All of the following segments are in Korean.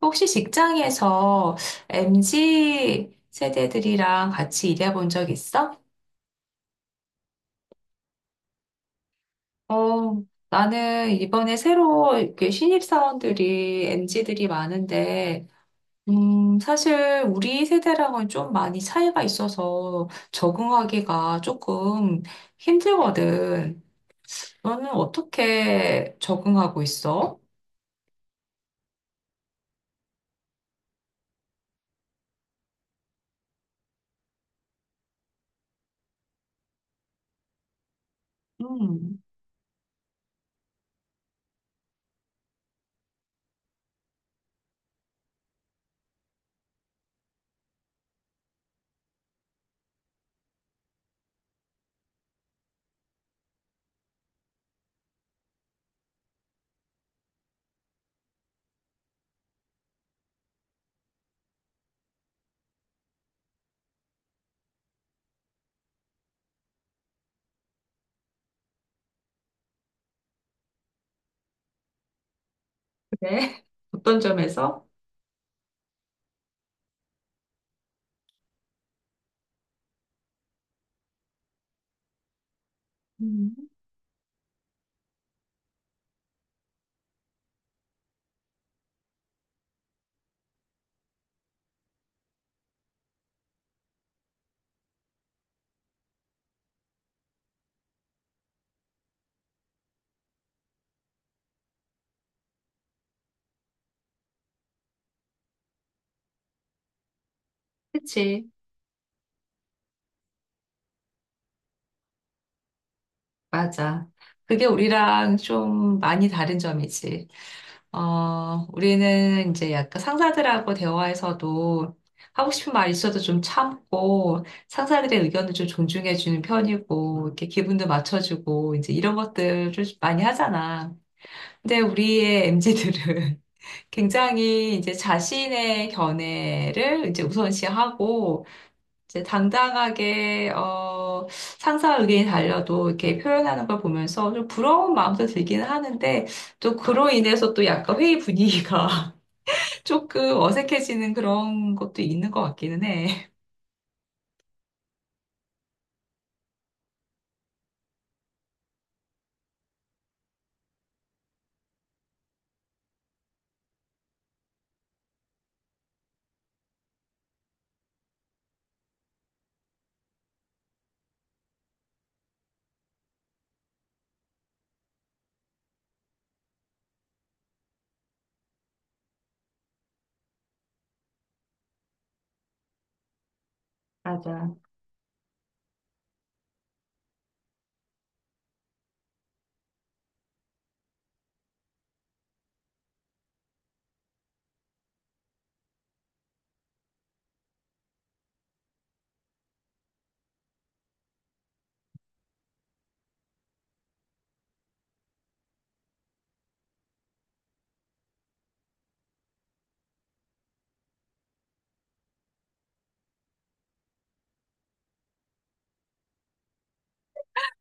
혹시 직장에서 MZ 세대들이랑 같이 일해본 적 있어? 어, 나는 이번에 새로 이렇게 신입사원들이 MZ들이 많은데, 사실 우리 세대랑은 좀 많이 차이가 있어서 적응하기가 조금 힘들거든. 너는 어떻게 적응하고 있어? 음, 그래? 어떤 점에서? 음, 그치. 맞아. 그게 우리랑 좀 많이 다른 점이지. 우리는 이제 약간 상사들하고 대화에서도 하고 싶은 말 있어도 좀 참고, 상사들의 의견을 좀 존중해주는 편이고, 이렇게 기분도 맞춰주고, 이제 이런 것들을 좀 많이 하잖아. 근데 우리의 m 지들은 굉장히 이제 자신의 견해를 이제 우선시하고, 이제 당당하게 상사 의견이 달려도 이렇게 표현하는 걸 보면서 좀 부러운 마음도 들기는 하는데 또 그로 인해서 또 약간 회의 분위기가 조금 어색해지는 그런 것도 있는 것 같기는 해. 맞아.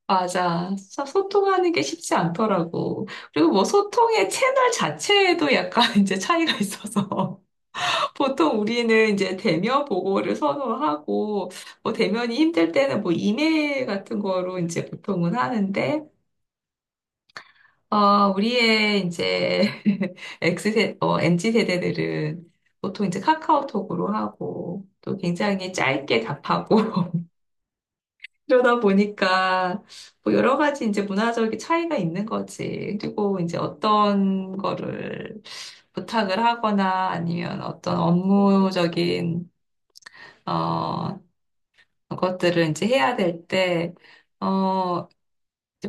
맞아. 진짜 소통하는 게 쉽지 않더라고. 그리고 뭐 소통의 채널 자체에도 약간 이제 차이가 있어서. 보통 우리는 이제 대면 보고를 선호하고, 뭐 대면이 힘들 때는 뭐 이메일 같은 거로 이제 보통은 하는데, 우리의 이제 MZ 세대들은 보통 이제 카카오톡으로 하고 또 굉장히 짧게 답하고 그러다 보니까 뭐 여러 가지 이제 문화적인 차이가 있는 거지. 그리고 이제 어떤 거를 부탁을 하거나 아니면 어떤 업무적인 어, 것들을 이제 해야 될 때, 어,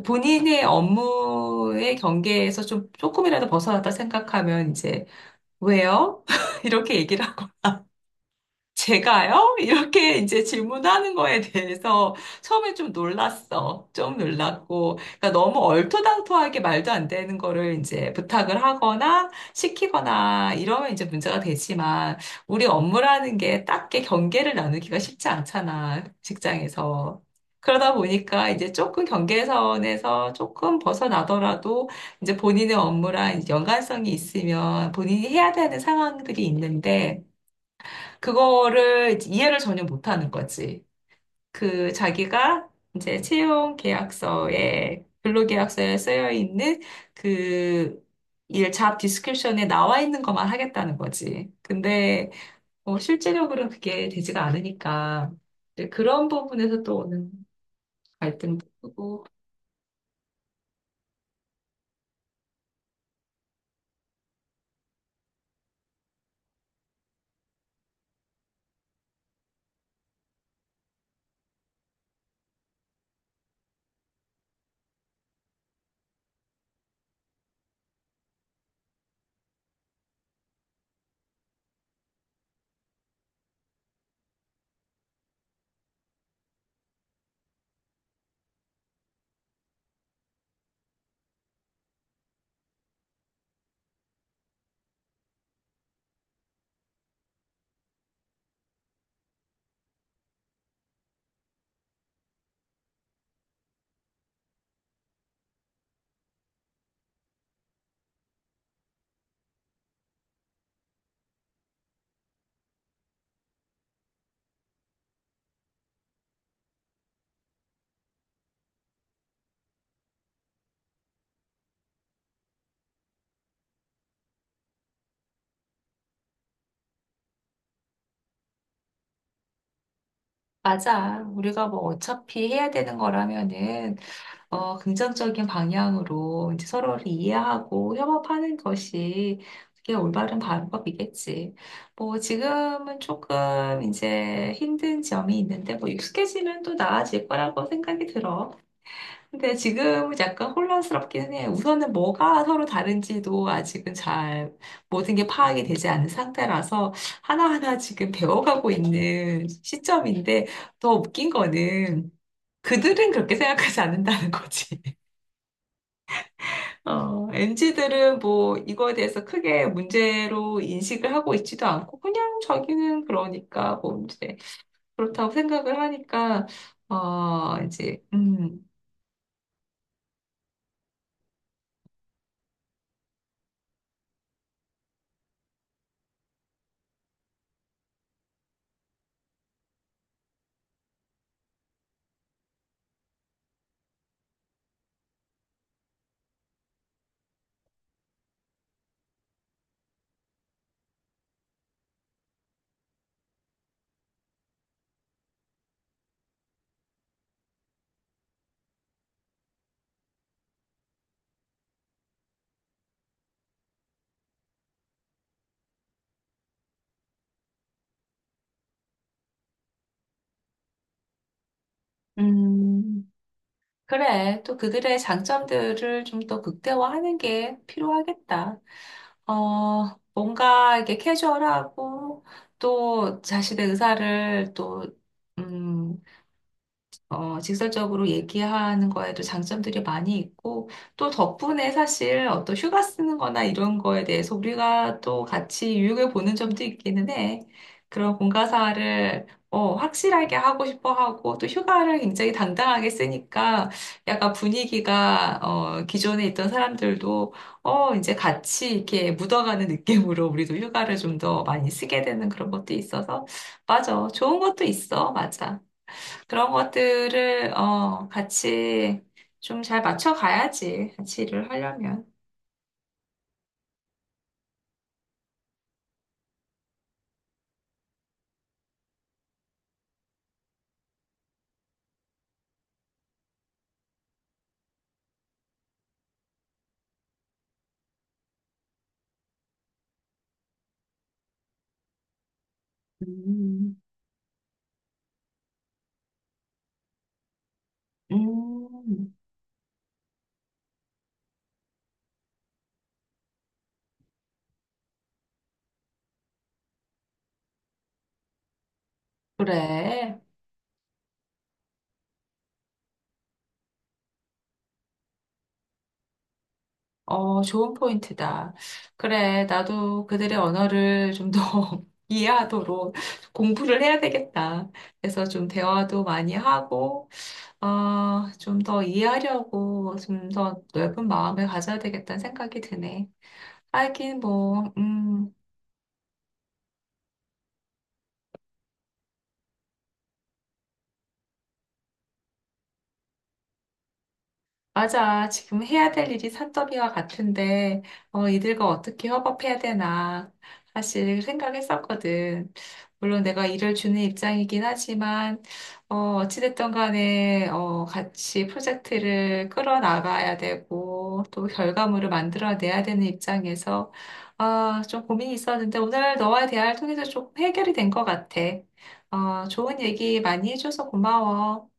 본인의 업무의 경계에서 좀 조금이라도 벗어났다 생각하면 이제 왜요? 이렇게 얘기를. 제가요? 이렇게 이제 질문하는 거에 대해서 처음에 좀 놀랐어. 좀 놀랐고. 그러니까 너무 얼토당토하게 말도 안 되는 거를 이제 부탁을 하거나 시키거나 이러면 이제 문제가 되지만 우리 업무라는 게 딱히 경계를 나누기가 쉽지 않잖아. 직장에서. 그러다 보니까 이제 조금 경계선에서 조금 벗어나더라도 이제 본인의 업무랑 연관성이 있으면 본인이 해야 되는 상황들이 있는데 그거를 이해를 전혀 못하는 거지. 그 자기가 이제 채용 계약서에 근로계약서에 쓰여 있는 그 일 잡 디스크립션에 나와 있는 것만 하겠다는 거지. 근데 실제적으로는 그게 되지가 않으니까 이제 그런 부분에서 또 오는 갈등도 크고 맞아. 우리가 뭐 어차피 해야 되는 거라면은 긍정적인 방향으로 이제 서로를 이해하고 협업하는 것이 그게 올바른 방법이겠지. 뭐 지금은 조금 이제 힘든 점이 있는데 뭐 익숙해지면 또 나아질 거라고 생각이 들어. 근데 지금은 약간 혼란스럽기는 해. 우선은 뭐가 서로 다른지도 아직은 잘 모든 게 파악이 되지 않은 상태라서 하나하나 지금 배워가고 있는 시점인데 더 웃긴 거는 그들은 그렇게 생각하지 않는다는 거지. MZ들은 뭐 이거에 대해서 크게 문제로 인식을 하고 있지도 않고 그냥 저기는 그러니까 뭐 이제 그렇다고 생각을 하니까 어 이제 음, 음 그래 또 그들의 장점들을 좀 더 극대화하는 게 필요하겠다. 뭔가 이렇게 캐주얼하고 또 자신의 의사를 또, 음, 직설적으로 얘기하는 거에도 장점들이 많이 있고, 또 덕분에 사실 어떤 휴가 쓰는 거나 이런 거에 대해서 우리가 또 같이 유익을 보는 점도 있기는 해. 그런 공과사를 확실하게 하고 싶어 하고, 또 휴가를 굉장히 당당하게 쓰니까 약간 분위기가 기존에 있던 사람들도 이제 같이 이렇게 묻어가는 느낌으로 우리도 휴가를 좀 더 많이 쓰게 되는 그런 것도 있어서, 맞아. 좋은 것도 있어. 맞아. 그런 것들을 같이 좀 잘 맞춰 가야지. 같이 일을 하려면. 음, 음, 그래. 어, 좋은 포인트다. 그래. 나도 그들의 언어를 좀 더 이해하도록 공부를 해야 되겠다. 그래서 좀 대화도 많이 하고, 좀 더 이해하려고 좀 더 넓은 마음을 가져야 되겠다는 생각이 드네. 하긴 뭐, 맞아. 지금 해야 될 일이 산더미와 같은데, 이들과 어떻게 협업해야 되나, 사실 생각했었거든. 물론 내가 일을 주는 입장이긴 하지만, 어찌됐든 간에, 같이 프로젝트를 끌어나가야 되고, 또 결과물을 만들어내야 되는 입장에서, 좀 고민이 있었는데, 오늘 너와 대화를 통해서 조금 해결이 된 것 같아. 좋은 얘기 많이 해줘서 고마워.